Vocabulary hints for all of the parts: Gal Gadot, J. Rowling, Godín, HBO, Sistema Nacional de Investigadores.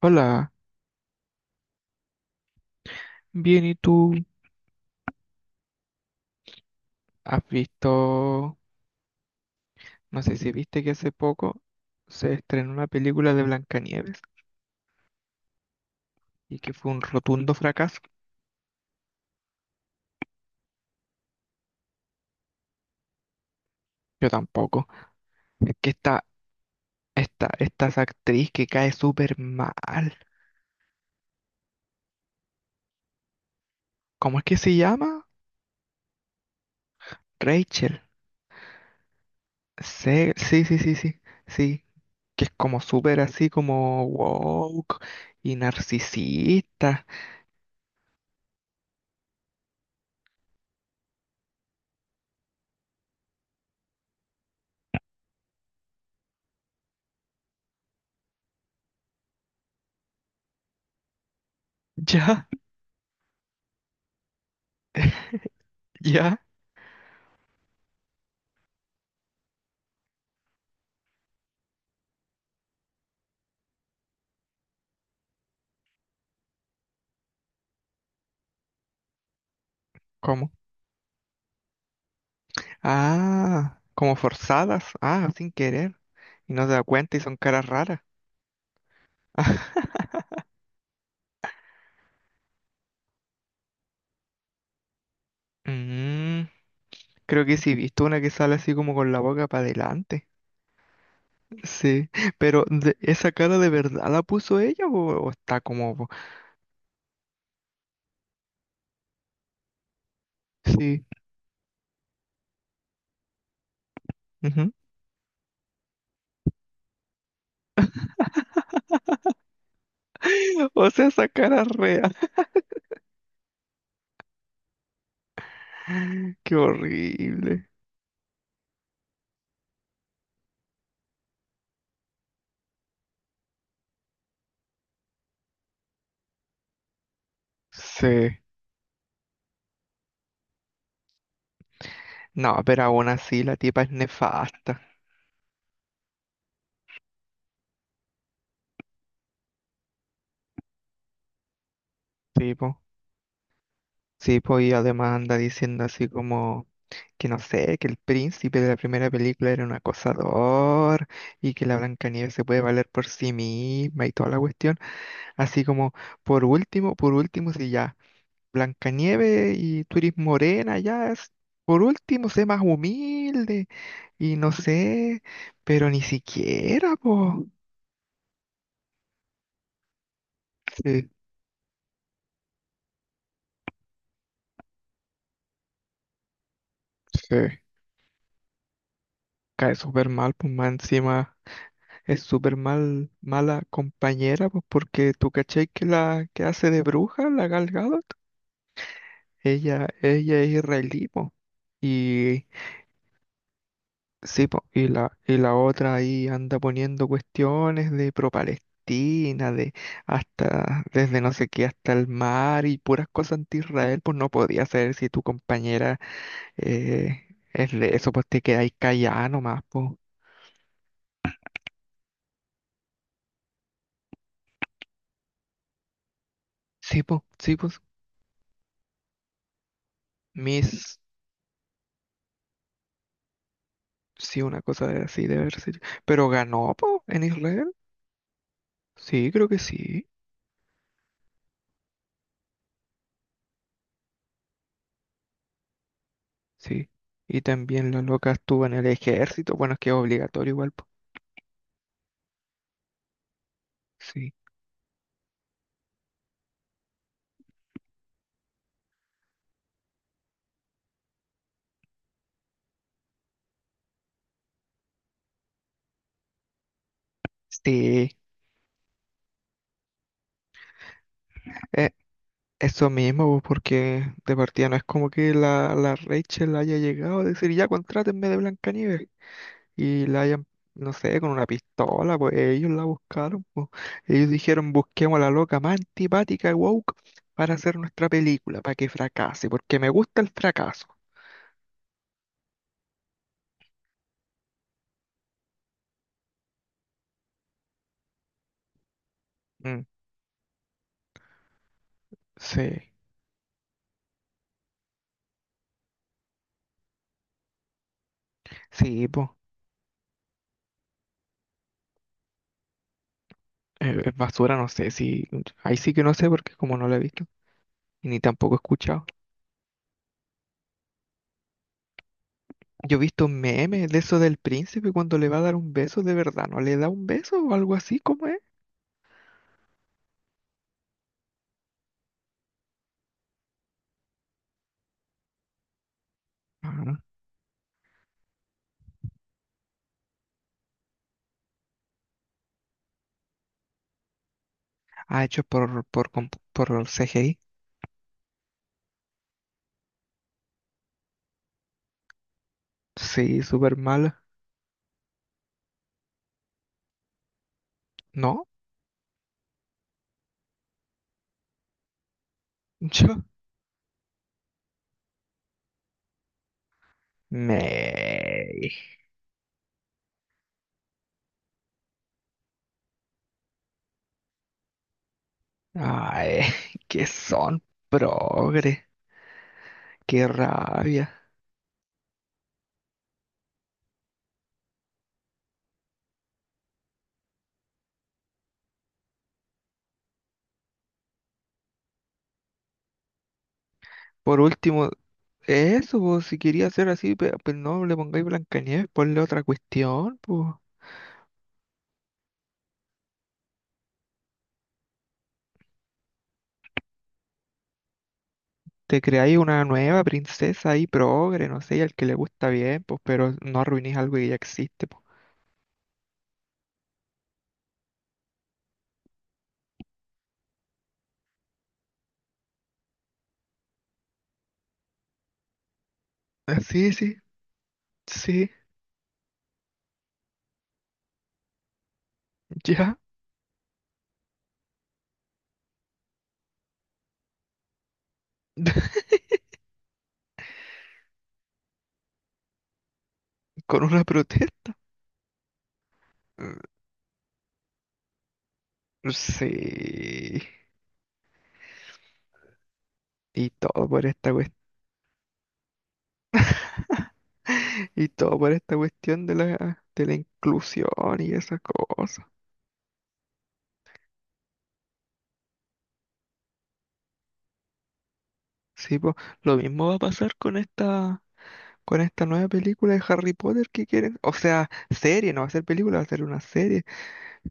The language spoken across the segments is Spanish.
Hola, bien, ¿y tú? ¿Has visto, no sé si viste que hace poco se estrenó una película de Blancanieves y que fue un rotundo fracaso? Yo tampoco. Es que esta es actriz que cae súper mal. ¿Cómo es que se llama? Rachel. Sí, sí, sí, sí, sí, sí, que es como súper así como woke y narcisista. Ya, ya, como... ah, como forzadas. Ah, sin querer. Y no se da cuenta y son caras raras. Mm, creo que sí, he visto una que sale así como con la boca para adelante. Sí, pero ¿esa cara de verdad la puso ella o está como... Sí. Ujú. O sea, esa cara es real. Qué horrible. Sí. No, pero aún así la tipa es nefasta. Tipo. Sí, pues y además anda diciendo así como que no sé, que el príncipe de la primera película era un acosador y que la Blancanieves se puede valer por sí misma y toda la cuestión. Así como, por último, si ya Blancanieves y tú eres morena, ya es, por último, sé más humilde y no sé, pero ni siquiera, pues. Sí, sí, cae súper mal, pues más encima. Es súper mal, mala compañera, pues porque tú cachai que la que hace de bruja, la Gal Gadot, ella es israelí, po. Y sí, po, y la otra ahí anda poniendo cuestiones de pro-Palestina, de hasta, desde no sé qué hasta el mar y puras cosas anti-Israel, pues no podía ser si tu compañera eh, es de eso, pues te quedáis callada nomás, pues. Sí, pues, sí, pues. Mis... sí, una cosa de- así de haber sido. Pero ganó, po, en Israel. Sí, creo que sí. Sí. Y también la loca estuvo en el ejército. Bueno, es que es obligatorio igual, po. Sí. Sí. Eh, Eso mismo, po, porque de partida no es como que la, la Rachel haya llegado a decir, ya contrátenme de Blancanieves. Y la hayan, no sé, con una pistola, pues ellos la buscaron, po. Ellos dijeron, busquemos a la loca más antipática y woke para hacer nuestra película, para que fracase, porque me gusta el fracaso. Mm. Sí, sí, pues, basura, no sé, sí, ahí sí que no sé porque como no la he visto y ni tampoco he escuchado. Yo he visto memes de eso del príncipe cuando le va a dar un beso de verdad, ¿no le da un beso o algo así como es? Ah, ah, hecho por CGI. Sí, súper mala. ¿No? Yo. Me. Ay, que son progres. Qué rabia. Por último, eso, pues, si quería hacer así, pues, no le pongáis Blancanieves, ponle otra cuestión, pues. Te creáis una nueva princesa ahí progre, no sé, y al que le gusta bien, pues, pero no arruinéis algo que ya existe, pues. Ah, sí, sí, sí, ya. Con una protesta. Mm, sí. Y todo por esta cuestión. Y todo por esta cuestión de la inclusión y esas cosas. Sí, pues, lo mismo va a pasar con esta. Con esta nueva película de Harry Potter que quieren. O sea, serie, no va a ser película, va a ser una serie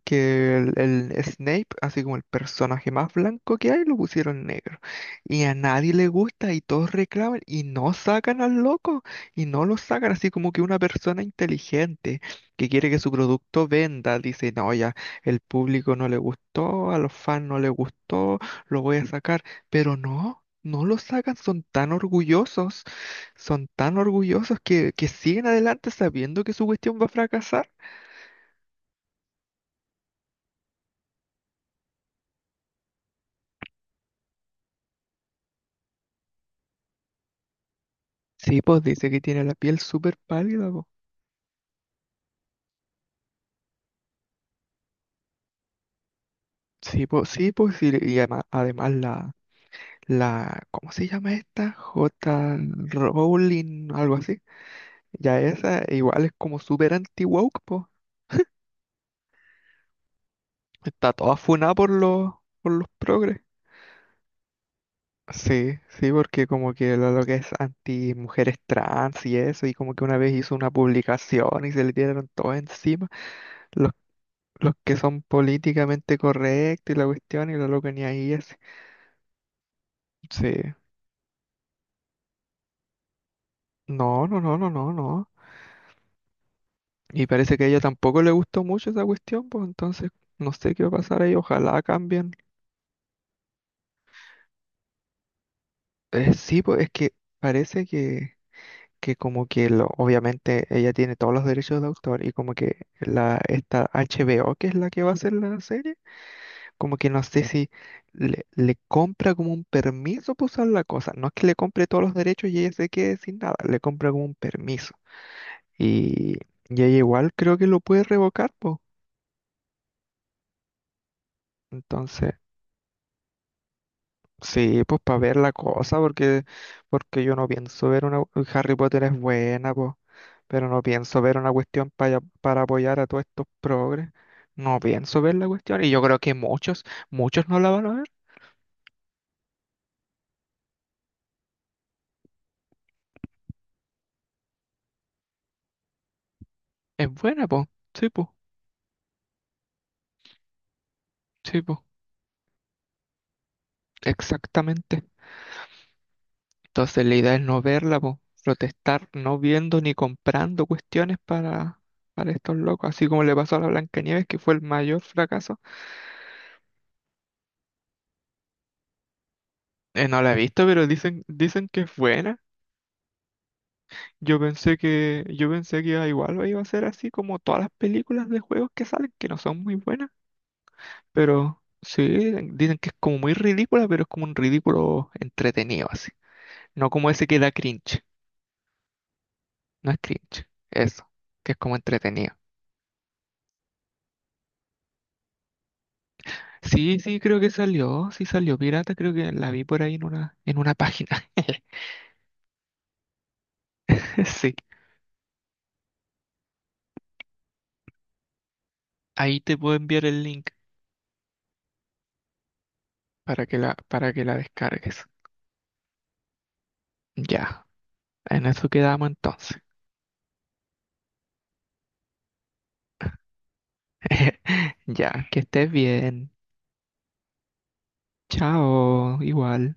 que el Snape, así como el personaje más blanco que hay, lo pusieron negro. Y a nadie le gusta y todos reclaman y no sacan al loco y no lo sacan, así como que una persona inteligente que quiere que su producto venda, dice, no, ya, el público no le gustó, a los fans no le gustó, lo voy a sacar, pero no. No lo sacan, son tan orgullosos que siguen adelante sabiendo que su cuestión va a fracasar. Sí, pues dice que tiene la piel súper pálida, pues. Sí, pues, sí, pues, y además, además la, la, ¿cómo se llama esta? J. Rowling, algo así. Ya esa igual es como súper anti-woke, pues. Está toda funada por los progres. Sí, sí, porque como que lo que es anti mujeres trans y eso, y como que una vez hizo una publicación y se le tiraron todo encima, los, los que son políticamente correctos y la cuestión, y lo loca ni ahí es. Sí. No, no, no, no, no, no. Y parece que a ella tampoco le gustó mucho esa cuestión, pues entonces no sé qué va a pasar ahí, ojalá cambien. Sí, pues es que parece que como que lo, obviamente ella tiene todos los derechos de autor y como que la esta HBO, que es la que va a hacer la serie, como que no sé si le compra como un permiso para usar la cosa. No es que le compre todos los derechos y ella se quede sin nada, le compra como un permiso. Y, y ella igual creo que lo puede revocar, pues. Entonces... Sí, pues para ver la cosa, porque, porque yo no pienso ver una... Harry Potter es buena, pues, pero no pienso ver una cuestión para apoyar a todos estos progres. No pienso ver la cuestión, y yo creo que muchos, muchos no la van a ver. Es buena, pues, sí, pues, sí, pues, exactamente. Entonces la idea es no verla, pues, protestar no viendo ni comprando cuestiones para estos locos, así como le pasó a la Blancanieves, que fue el mayor fracaso. No la he visto, pero dicen, dicen que es buena. Yo pensé que iba- igual iba a ser así como todas las películas de juegos que salen, que no son muy buenas, pero sí, dicen que es como muy ridícula, pero es como un ridículo entretenido así. No como ese que da cringe, no es cringe, eso, que es como entretenido. Sí, sí, creo que salió, sí salió pirata, creo que la vi por ahí en una página. Sí, ahí te puedo enviar el link para que la descargues. Ya, en eso quedamos entonces. Ya, que estés bien. Chao, igual.